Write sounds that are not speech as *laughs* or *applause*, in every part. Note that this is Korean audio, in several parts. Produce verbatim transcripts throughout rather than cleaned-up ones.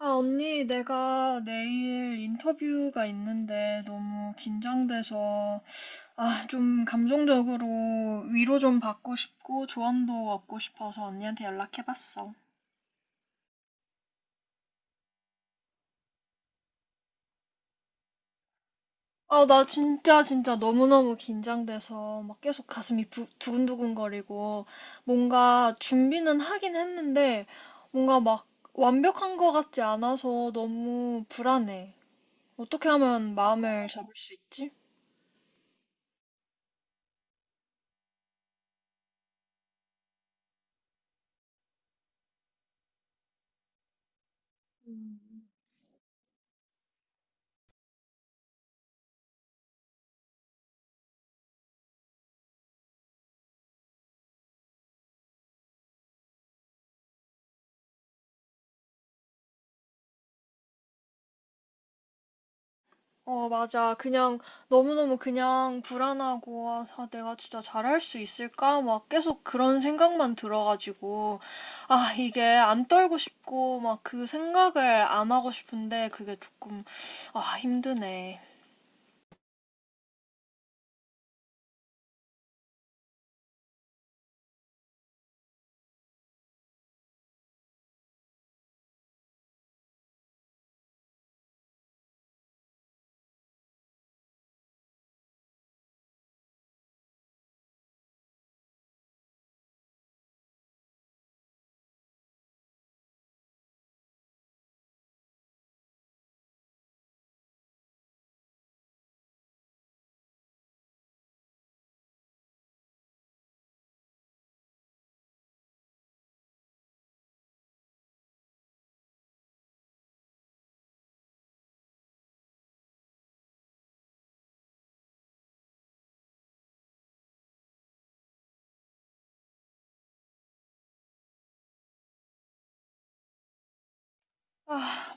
아, 언니, 내가 내일 인터뷰가 있는데 너무 긴장돼서, 아, 좀 감정적으로 위로 좀 받고 싶고 조언도 얻고 싶어서 언니한테 연락해봤어. 아, 나 진짜 진짜 너무너무 긴장돼서 막 계속 가슴이 부- 두근두근거리고 뭔가 준비는 하긴 했는데 뭔가 막 완벽한 것 같지 않아서 너무 불안해. 어떻게 하면 마음을 잡을 수 있지? 음. 어, 맞아. 그냥, 너무너무 그냥 불안하고, 아, 아, 내가 진짜 잘할 수 있을까? 막 계속 그런 생각만 들어가지고, 아, 이게 안 떨고 싶고, 막 그 생각을 안 하고 싶은데, 그게 조금, 아, 힘드네.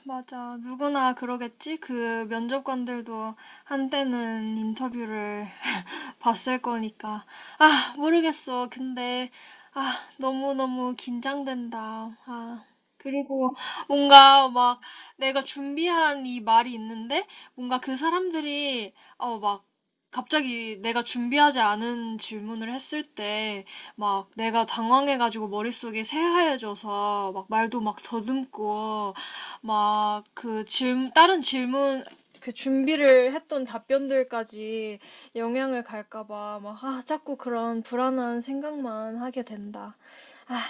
맞아. 누구나 그러겠지? 그 면접관들도 한때는 인터뷰를 *laughs* 봤을 거니까. 아, 모르겠어. 근데, 아, 너무너무 긴장된다. 아, 그리고 뭔가 막 내가 준비한 이 말이 있는데, 뭔가 그 사람들이, 어, 막 갑자기 내가 준비하지 않은 질문을 했을 때, 막 내가 당황해가지고 머릿속이 새하얘져서 막 말도 막 더듬고 막 그 질, 다른 질문 그 준비를 했던 답변들까지 영향을 갈까 봐 막 아, 자꾸 그런 불안한 생각만 하게 된다. 아,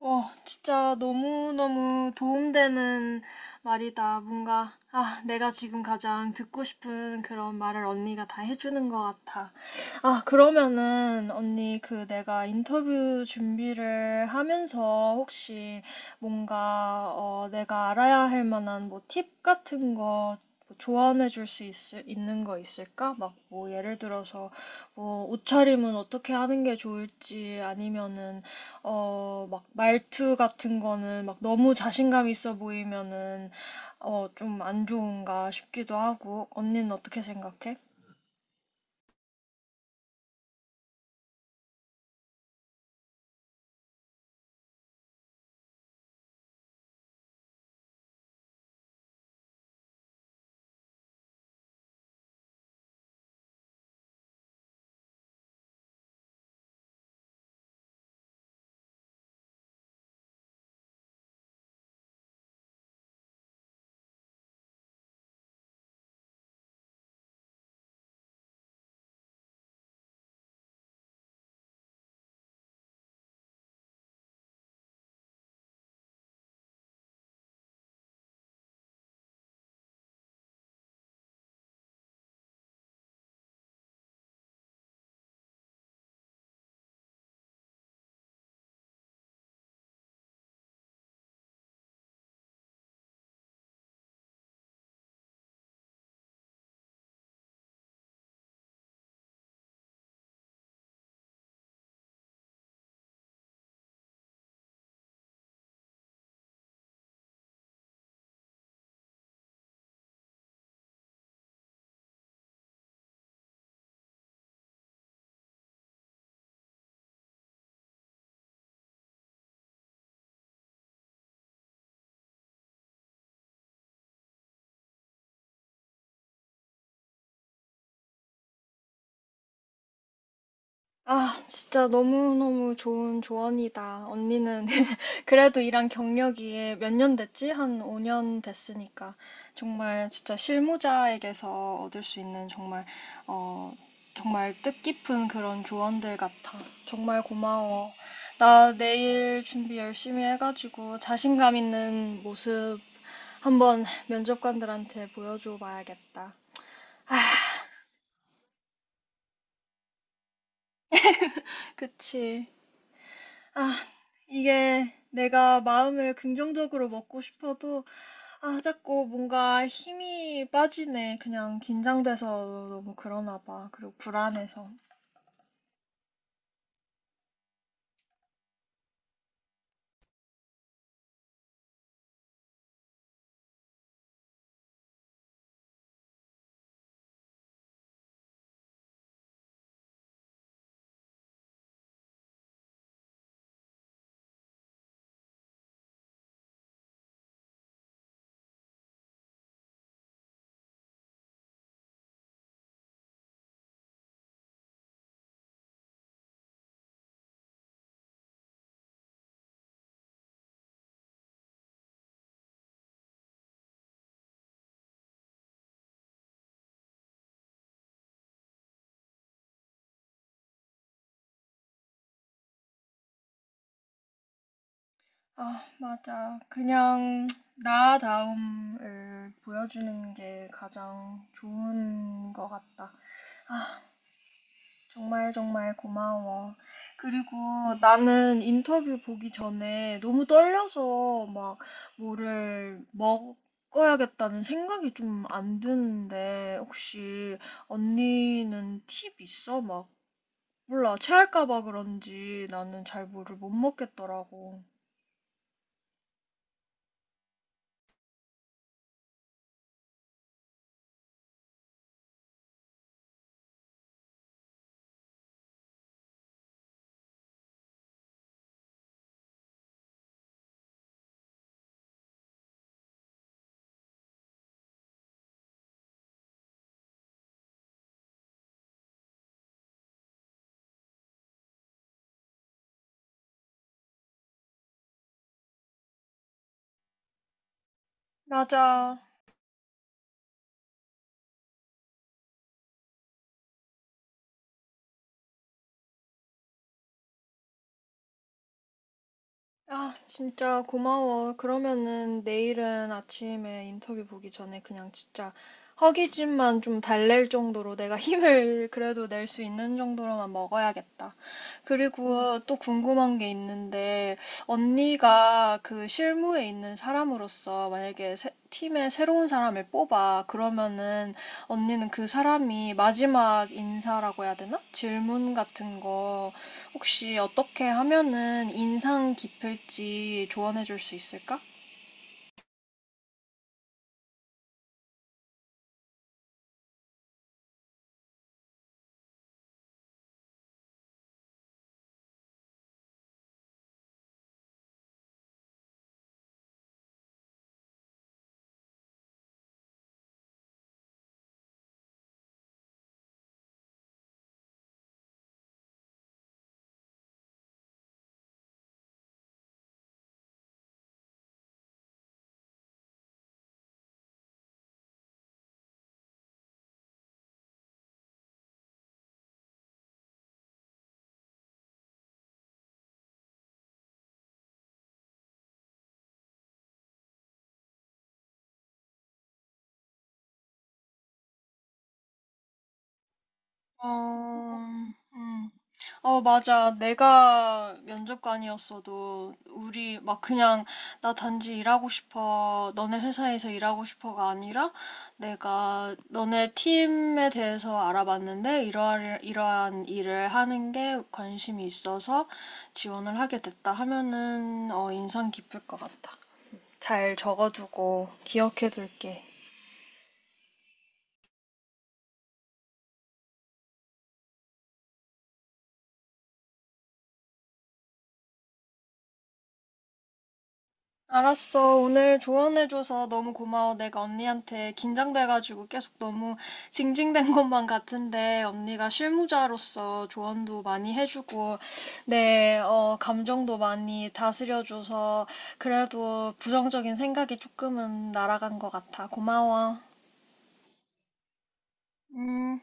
어, 진짜 너무너무 도움되는 말이다. 뭔가 아, 내가 지금 가장 듣고 싶은 그런 말을 언니가 다 해주는 것 같아. 아, 그러면은 언니 그 내가 인터뷰 준비를 하면서 혹시 뭔가 어 내가 알아야 할 만한 뭐 팁 같은 거뭐 조언해 줄 수 있는 거 있을까? 막 뭐 예를 들어서 뭐 옷차림은 어떻게 하는 게 좋을지 아니면은 어 막 말투 같은 거는 막 너무 자신감 있어 보이면은 어 좀 안 좋은가 싶기도 하고 언니는 어떻게 생각해? 아, 진짜 너무너무 좋은 조언이다. 언니는 *laughs* 그래도 일한 경력이 몇 년 됐지? 한 오 년 됐으니까. 정말 진짜 실무자에게서 얻을 수 있는 정말, 어, 정말 뜻깊은 그런 조언들 같아. 정말 고마워. 나 내일 준비 열심히 해가지고 자신감 있는 모습 한번 면접관들한테 보여줘 봐야겠다. 그치? 이게 내가 마음을 긍정적으로 먹고 싶어도 아, 자꾸 뭔가 힘이 빠지네. 그냥 긴장돼서 너무 그러나 봐. 그리고 불안해서. 아, 맞아. 그냥 나다움을 보여주는 게 가장 좋은 것 같다. 아, 정말 정말 고마워. 그리고 나는 인터뷰 보기 전에 너무 떨려서 막 뭐를 먹어야겠다는 생각이 좀 안 드는데 혹시 언니는 팁 있어? 막 몰라 체할까 봐 그런지 나는 잘 뭐를 못 먹겠더라고. 맞아. 아, 진짜 고마워. 그러면은 내일은 아침에 인터뷰 보기 전에 그냥 진짜 허기짐만 좀 달랠 정도로 내가 *laughs* 힘을 그래도 낼 수 있는 정도로만 먹어야겠다. 음, 그리고 또 궁금한 게 있는데, 언니가 그 실무에 있는 사람으로서 만약에 새- 팀에 새로운 사람을 뽑아. 그러면은 언니는 그 사람이 마지막 인사라고 해야 되나? 질문 같은 거. 혹시 어떻게 하면은 인상 깊을지 조언해 줄 수 있을까? 어, 음. 어, 맞아. 내가 면접관이었어도 우리 막 그냥 나 단지 일하고 싶어. 너네 회사에서 일하고 싶어가 아니라 내가 너네 팀에 대해서 알아봤는데 이러한, 이러한 일을 하는 게 관심이 있어서 지원을 하게 됐다 하면은 어, 인상 깊을 것 같다. 잘 적어두고 기억해둘게. 알았어. 오늘 조언해줘서 너무 고마워. 내가 언니한테 긴장돼가지고 계속 너무 징징댄 것만 같은데 언니가 실무자로서 조언도 많이 해주고 내 어, 감정도 많이 다스려줘서 그래도 부정적인 생각이 조금은 날아간 것 같아. 고마워. 음.